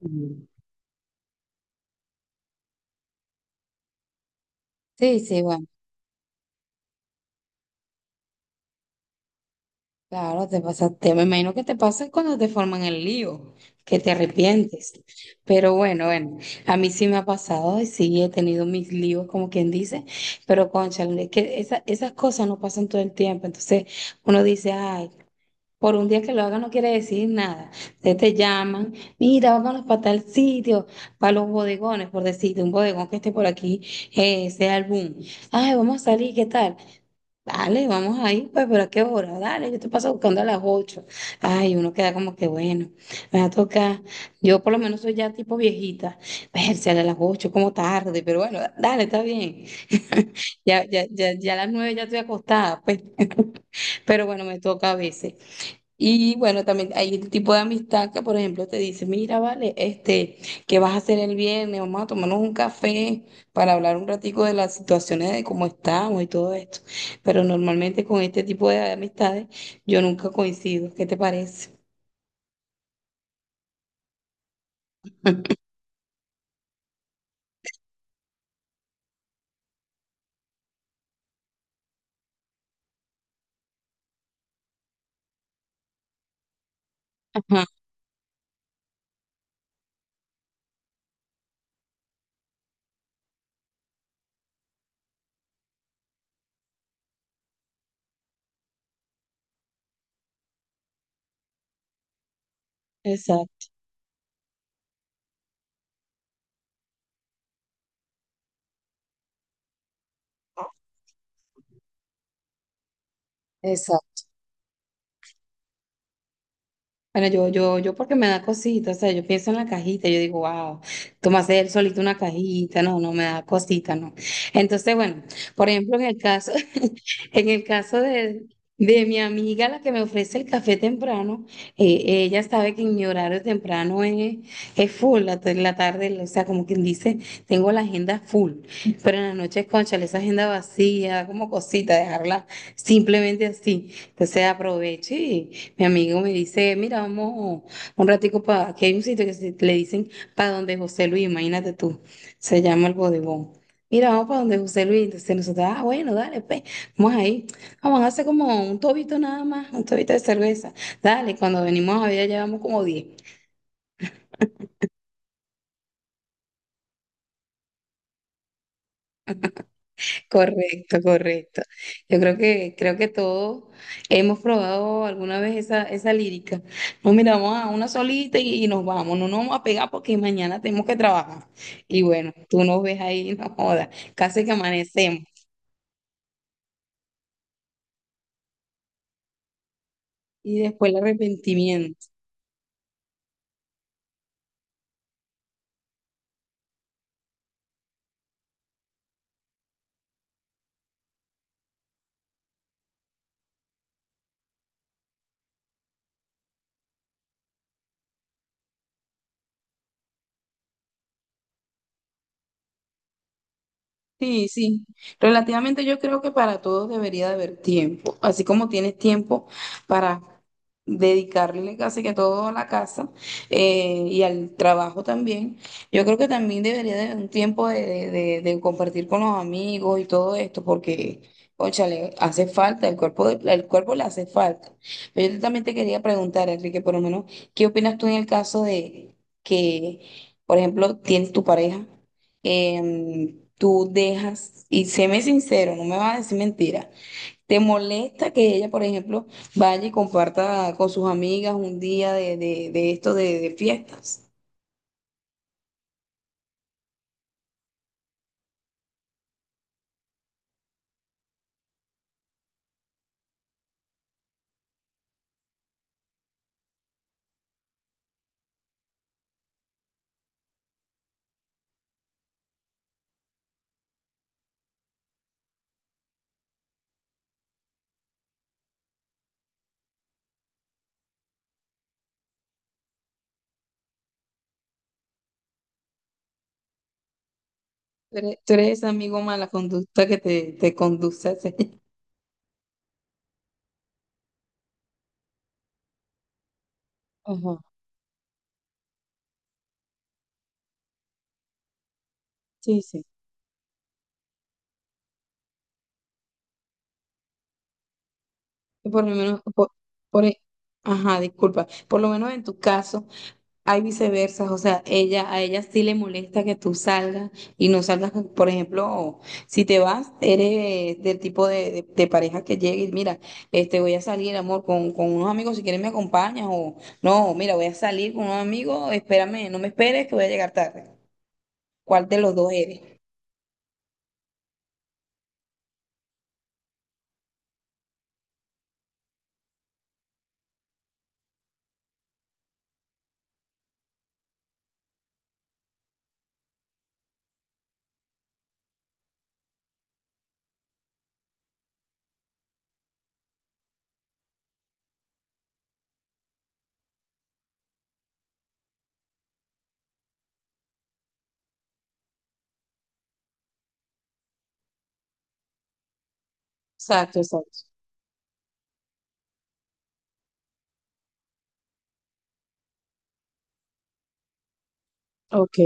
Mm. Sí, sí, bueno, claro, te pasa, me imagino que te pasa cuando te forman el lío, que te arrepientes. Pero bueno, bueno, a mí sí me ha pasado y sí he tenido mis líos, como quien dice, pero cónchale, es que esas cosas no pasan todo el tiempo. Entonces uno dice, ay, por un día que lo haga no quiere decir nada. Entonces te llaman, mira, vámonos para tal sitio, para los bodegones, por decirte, un bodegón que esté por aquí, sea el boom. Ay, vamos a salir, ¿qué tal? Dale, vamos ahí, pues, pero ¿a qué hora? Dale, yo te paso buscando a las 8. Ay, uno queda como que bueno, me va a tocar. Yo por lo menos soy ya tipo viejita. Verse a las 8 como tarde, pero bueno, dale, está bien. Ya, ya, ya, ya a las 9 ya estoy acostada, pues. Pero bueno, me toca a veces. Y bueno, también hay el tipo de amistad que, por ejemplo, te dice, mira, vale, este, ¿qué vas a hacer el viernes? Vamos a tomarnos un café para hablar un ratico de las situaciones de cómo estamos y todo esto. Pero normalmente con este tipo de amistades yo nunca coincido. ¿Qué te parece? Ajá, exacto. Exacto. Bueno, yo porque me da cosita, o sea, yo pienso en la cajita, yo digo, wow, tú me haces él solito una cajita, no, no me da cosita, no. Entonces, bueno, por ejemplo, en el caso, en el caso de, mi amiga, la que me ofrece el café temprano, ella sabe que en mi horario temprano es full, la, en la tarde, o sea, como quien dice, tengo la agenda full, pero en la noche, cónchale, esa agenda vacía, como cosita, dejarla. Simplemente así. Entonces aproveche y mi amigo me dice, mira, vamos un ratico para, aquí hay un sitio que le dicen para donde José Luis, imagínate tú, se llama el bodegón. Mira, vamos para donde José Luis. Entonces nosotros, ah, bueno, dale, pues, vamos ahí. Vamos a hacer como un tobito nada más, un tobito de cerveza. Dale, cuando venimos a ver, ya llevamos como diez. Correcto, correcto. Yo creo que todos hemos probado alguna vez esa lírica. No, mira, vamos a una solita y nos vamos. No nos vamos a pegar porque mañana tenemos que trabajar. Y bueno, tú nos ves ahí, no jodas. Casi que amanecemos. Y después el arrepentimiento. Sí, sí. Relativamente yo creo que para todos debería de haber tiempo. Así como tienes tiempo para dedicarle casi que todo a la casa y al trabajo también, yo creo que también debería de haber un tiempo de, de compartir con los amigos y todo esto, porque, óchale, hace falta, el cuerpo, el cuerpo le hace falta. Pero yo también te quería preguntar, Enrique, por lo menos, ¿qué opinas tú en el caso de que, por ejemplo, tienes tu pareja? Tú dejas, y séme sincero, no me vas a decir mentira, ¿te molesta que ella, por ejemplo, vaya y comparta con sus amigas un día de esto de fiestas? Tú eres ese amigo mala conducta que te conduce a hacer. Ajá, sí, sí. Por lo menos, por e- ajá, disculpa, por lo menos en tu caso, hay viceversas, o sea, ella, a ella sí le molesta que tú salgas y no salgas, con- por ejemplo, si te vas, eres del tipo de, de pareja que llegue y mira, este, voy a salir, amor, con, unos amigos, si quieres me acompañas o no, mira, voy a salir con unos amigos, espérame, no me esperes que voy a llegar tarde. ¿Cuál de los dos eres? Exacto, exacto. Ok.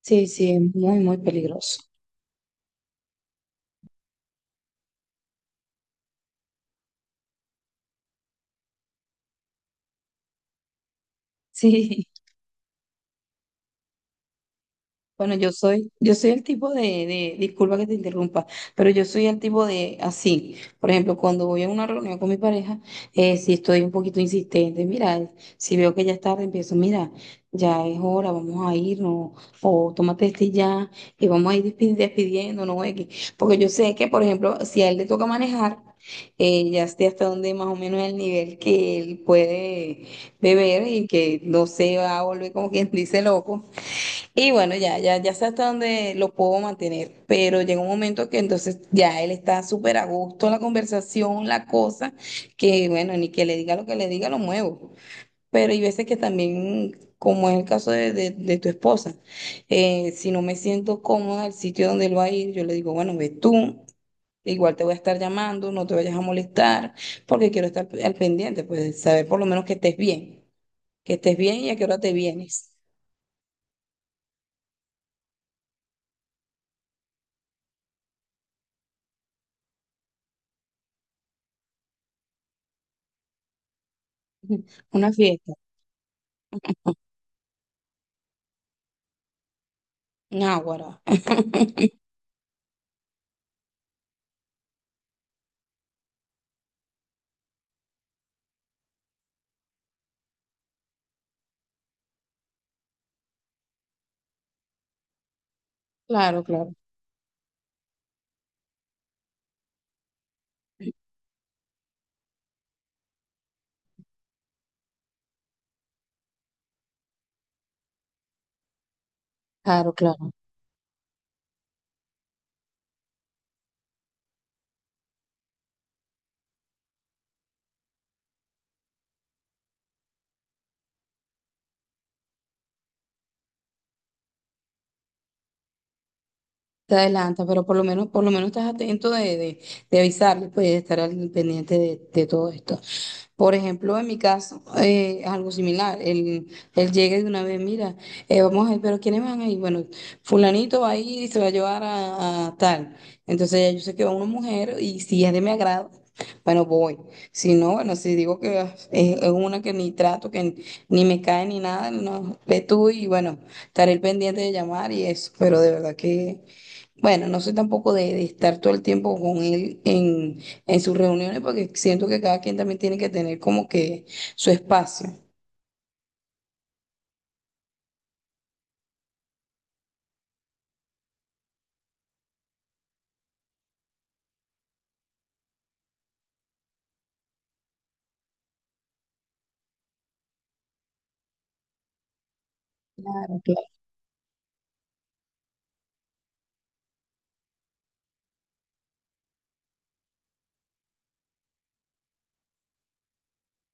Sí, sí, es muy, muy peligroso. Sí. Bueno, yo soy el tipo disculpa que te interrumpa, pero yo soy el tipo de así. Por ejemplo, cuando voy a una reunión con mi pareja, si estoy un poquito insistente, mira, si veo que ya es tarde, empiezo, mira, ya es hora, vamos a irnos, o tómate este ya, y vamos a ir despidiéndonos, X. Porque yo sé que, por ejemplo, si a él le toca manejar, ya sé hasta dónde más o menos el nivel que él puede beber y que no se va a volver como quien dice loco. Y bueno, ya, ya, ya sé hasta dónde lo puedo mantener, pero llega un momento que entonces ya él está súper a gusto en la conversación, la cosa, que bueno, ni que le diga lo que le diga, lo muevo. Pero hay veces que también, como es el caso de, de tu esposa, si no me siento cómoda el sitio donde él va a ir, yo le digo, bueno, ve tú, igual te voy a estar llamando, no te vayas a molestar, porque quiero estar al pendiente, pues saber por lo menos que estés bien y a qué hora te vienes. Una fiesta. Náguara. Claro, claro, claro, claro, te adelanta, pero por lo menos estás atento de, de avisarle, pues, de estar al pendiente de todo esto. Por ejemplo, en mi caso, es algo similar. Él llega de una vez, mira, vamos a ir, pero ¿quiénes van a ir? Bueno, fulanito va a ir y se va a llevar a tal. Entonces ya yo sé que va una mujer y si es de mi agrado, bueno, voy. Si no, bueno, si digo que ah, es una que ni trato, que ni me cae ni nada, no, ve tú y bueno, estaré el pendiente de llamar y eso. Pero de verdad que... Bueno, no soy tampoco de, de estar todo el tiempo con él en, sus reuniones porque siento que cada quien también tiene que tener como que su espacio. Claro, claro,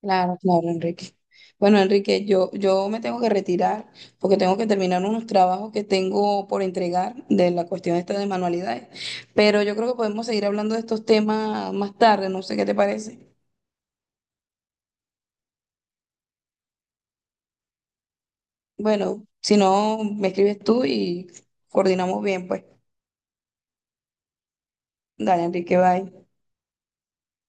claro, claro, Enrique. Bueno, Enrique, yo me tengo que retirar porque tengo que terminar unos trabajos que tengo por entregar de la cuestión esta de manualidades, pero yo creo que podemos seguir hablando de estos temas más tarde, no sé qué te parece. Bueno, si no, me escribes tú y coordinamos bien, pues. Dale, Enrique, bye.